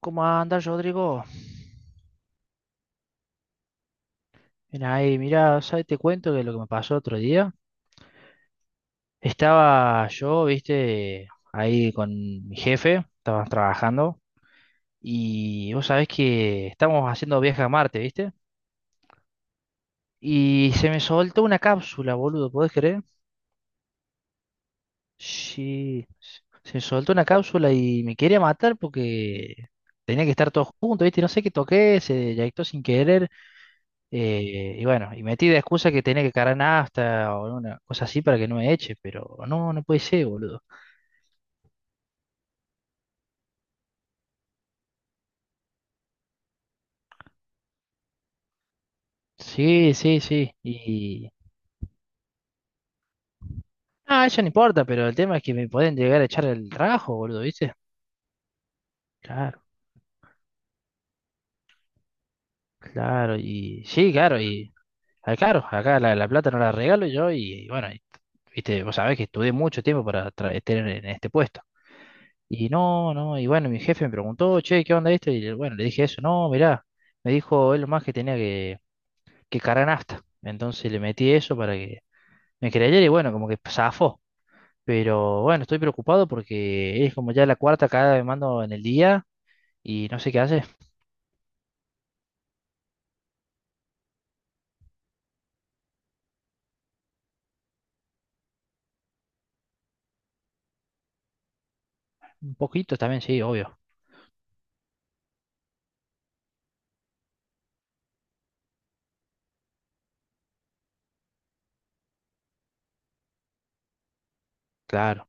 ¿Cómo andas, Rodrigo? Mira ahí, mira, ¿sabes? Te cuento que lo que me pasó otro día. Estaba yo, viste, ahí con mi jefe, estábamos trabajando, y vos sabés que estamos haciendo viaje a Marte, viste, y se me soltó una cápsula, boludo, ¿podés creer? Sí, se me soltó una cápsula y me quería matar porque tenía que estar todos juntos, viste, no sé qué toqué, se eyectó sin querer. Y bueno, y metí de excusa que tenía que cargar nafta o una cosa así para que no me eche, pero no, no puede ser, boludo. Sí, sí, sí. Y. Ah, eso no importa, pero el tema es que me pueden llegar a echar el trabajo, boludo, ¿viste? Claro, claro, y. Sí, claro, y. Ah, claro, acá la plata no la regalo yo y bueno, y, viste, vos sabés que estudié mucho tiempo para tener en este puesto. Y no, no, y bueno, mi jefe me preguntó, che, ¿qué onda esto? Y bueno, le dije eso, no, mirá, me dijo, es lo más que tenía que carga nafta. Entonces le metí eso para que me creyera y bueno, como que zafó. Pero bueno, estoy preocupado porque es como ya la cuarta cada vez mando en el día y no sé qué hace. Un poquito también, sí, obvio. Claro,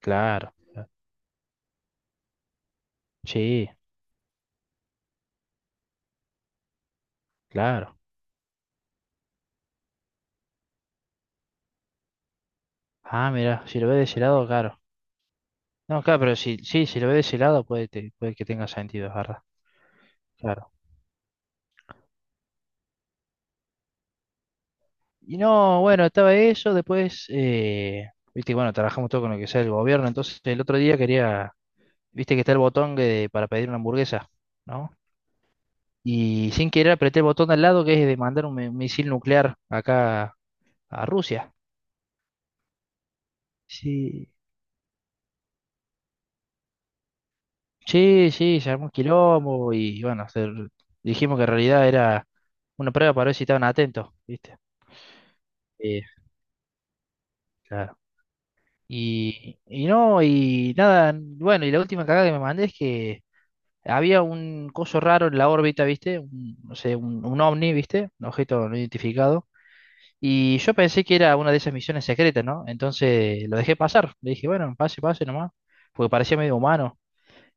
claro. Sí, claro. Ah, mira, si lo ve de ese lado, claro. No, claro, pero si, sí, si lo ve de ese lado puede, puede que tenga sentido, es verdad. Claro. Y no, bueno, estaba eso, después, viste, bueno, trabajamos todo con lo que sea el gobierno, entonces el otro día quería viste que está el botón para pedir una hamburguesa, ¿no? Y sin querer apreté el botón de al lado que es de mandar un misil nuclear acá a Rusia. Sí, sí, sí, se armó un quilombo y bueno, se- dijimos que en realidad era una prueba para ver si estaban atentos, ¿viste? Sí, claro. Y no, y nada, bueno, y la última cagada que me mandé es que había un coso raro en la órbita, ¿viste? Un- no sé, un ovni, ¿viste? Un objeto no identificado. Y yo pensé que era una de esas misiones secretas, ¿no? Entonces lo dejé pasar. Le dije, bueno, pase, pase nomás, porque parecía medio humano.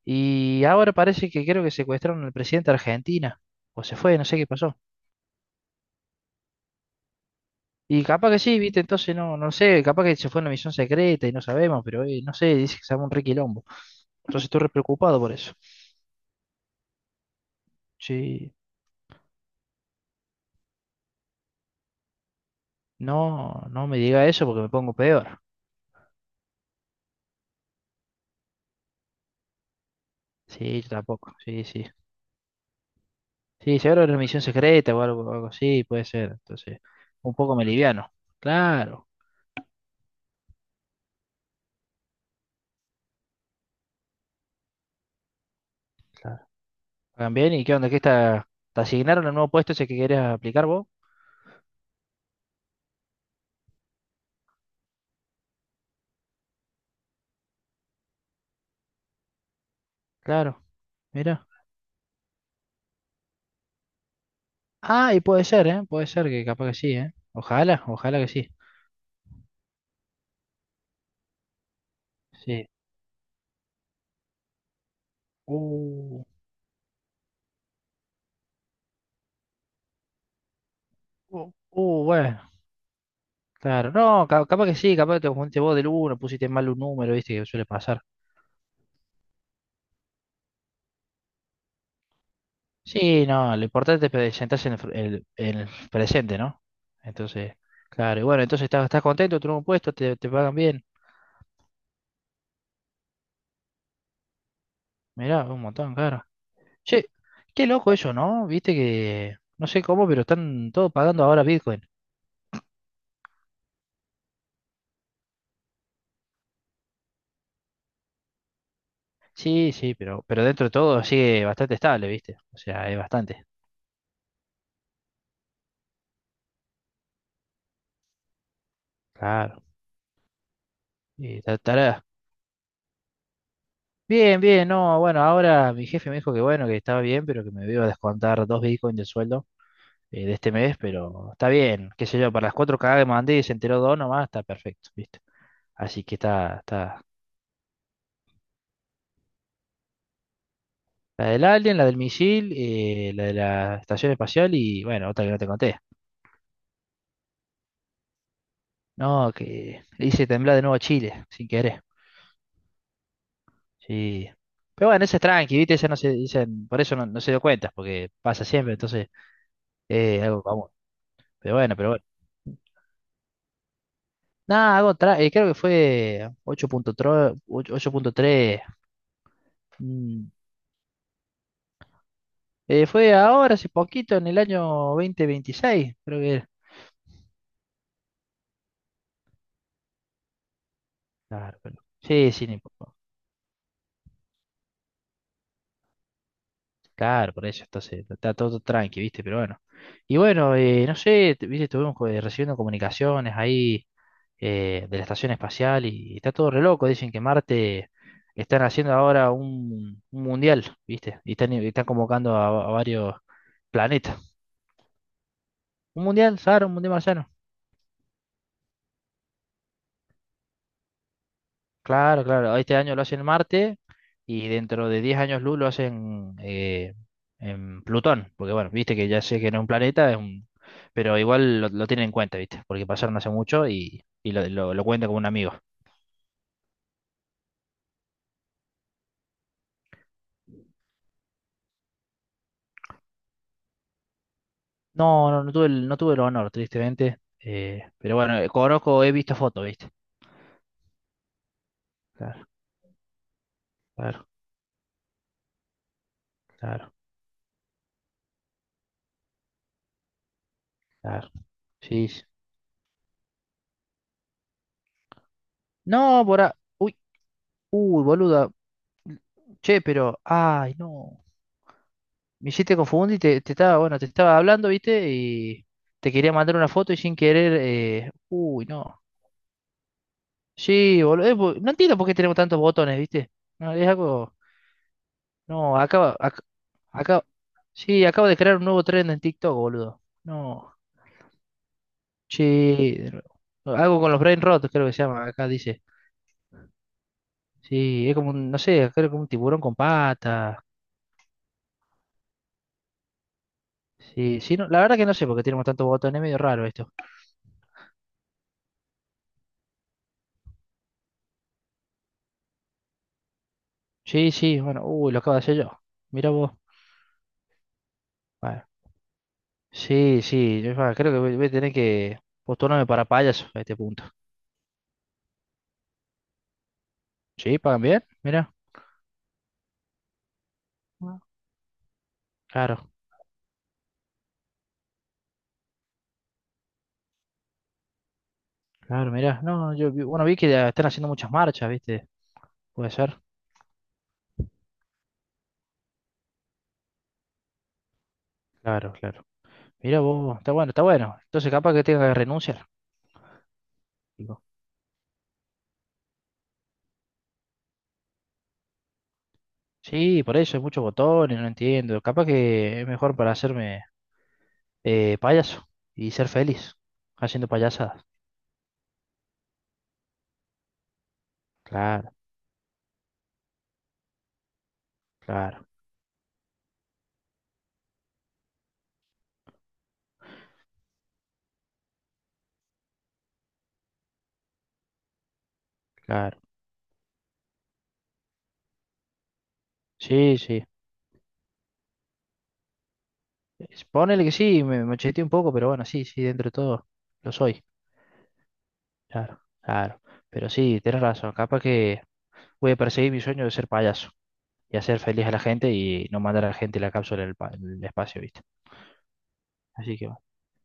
Y ahora parece que creo que secuestraron al presidente de Argentina. O se fue, no sé qué pasó. Y capaz que sí, viste, entonces no, no sé, capaz que se fue en una misión secreta y no sabemos, pero no sé, dice que se llama un requilombo. Entonces estoy re preocupado por eso. Sí, no, no me diga eso porque me pongo peor. Sí, yo tampoco, sí, sí. Sí, seguro era una misión secreta o algo, algo así, puede ser. Entonces, un poco me liviano. Claro, claro. Hagan bien, ¿y qué onda? ¿Qué está? ¿Te asignaron el nuevo puesto ese que querés aplicar vos? Claro, mira. Ah, y puede ser, ¿eh? Puede ser que capaz que sí, ¿eh? Ojalá, ojalá que sí. Sí. Uh, bueno, claro. No, capaz que sí, capaz que te confundiste vos del uno, pusiste mal un número, viste, que suele pasar. Sí, no, lo importante es presentarse en el, en el presente, ¿no? Entonces, claro, y bueno, entonces estás, estás contento, tenés un puesto, te pagan bien. Mirá, un montón, claro. Che, qué loco eso, ¿no? Viste que, no sé cómo, pero están todos pagando ahora Bitcoin. Sí, sí, pero dentro de todo sigue bastante estable, ¿viste? O sea, es bastante. Claro. Y tará. Bien, bien, no, bueno, ahora mi jefe me dijo que bueno, que estaba bien, pero que me iba a descontar dos Bitcoin del sueldo, de este mes, pero está bien, qué sé yo, para las cuatro cagadas que mandé y se enteró dos nomás, está perfecto, ¿viste? Así que está, está la del alien, la del misil, la de la estación espacial y bueno, otra que no te conté. No, que le hice temblar de nuevo a Chile, sin querer. Sí. Pero bueno, esa es tranqui, ¿viste? Esa no se dicen, por eso no, no se dio cuenta, porque pasa siempre, entonces, algo común. Pero bueno, pero bueno. Nada, algo creo que fue ocho ocho punto tres mm, Fue ahora, hace poquito, en el año 2026, creo que era. Claro, pero sí, sí, no importa. Claro, por eso entonces está todo tranqui, ¿viste? Pero bueno. Y bueno, no sé, ¿viste? Estuvimos recibiendo comunicaciones ahí de la estación espacial y está todo re loco. Dicen que Marte están haciendo ahora un mundial, ¿viste? Y están convocando a varios planetas. Un mundial, Sara, un mundial marciano. Claro, claro. Este año lo hacen en Marte y dentro de 10 años luz lo hacen en Plutón. Porque bueno, viste que ya sé que no es un planeta, es un... pero igual lo tienen en cuenta, viste, porque pasaron hace mucho y lo cuentan como un amigo. No, no, no tuve el, no tuve el honor, tristemente. Pero bueno, conozco, he visto fotos, viste. Claro, claro, claro, claro. Sí. Sí. No, por ahí. Uy, uy, boluda. Che, pero. Ay, no. Me hiciste confundir te, te estaba, bueno, te estaba hablando, ¿viste? Y te quería mandar una foto y sin querer, no. Sí, boludo, no entiendo por qué tenemos tantos botones, ¿viste? No, es algo, no, acaba, acaba, sí, acabo de crear un nuevo trend en TikTok, boludo. No, sí, de nuevo, algo con los brain rotos, creo que se llama, acá dice. Sí, es como un, no sé, creo que un tiburón con pata. Sí, sí, no, la verdad que no sé por qué tenemos tantos botones, es medio raro esto. Sí, sí, bueno, uy, lo acabo de hacer yo. Mira vos. Bueno. Sí, sí, yo creo que voy, voy a tener que postularme para payaso a este punto. Sí, pagan bien, mira. Ah. Claro, claro, mira. No, yo bueno, vi que ya están haciendo muchas marchas, ¿viste? Puede ser. Claro, claro. Mira vos, está bueno, está bueno. Entonces capaz que tenga que renunciar. Digo. Sí, por eso hay muchos botones, no entiendo. Capaz que es mejor para hacerme payaso y ser feliz haciendo payasadas. Claro, claro, claro. Sí, sí. Es- Ponele que sí, me macheteé un poco, pero bueno, sí, sí, dentro de todo lo soy. Claro, claro. Pero sí, tenés razón. Capaz que voy a perseguir mi sueño de ser payaso y hacer feliz a la gente y no mandar a la gente la cápsula del del espacio, ¿viste? Así que bueno.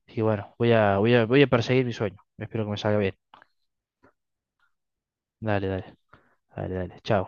Y bueno, voy a, voy a, voy a perseguir mi sueño. Espero que me salga bien. Dale, dale, dale, dale. Chao.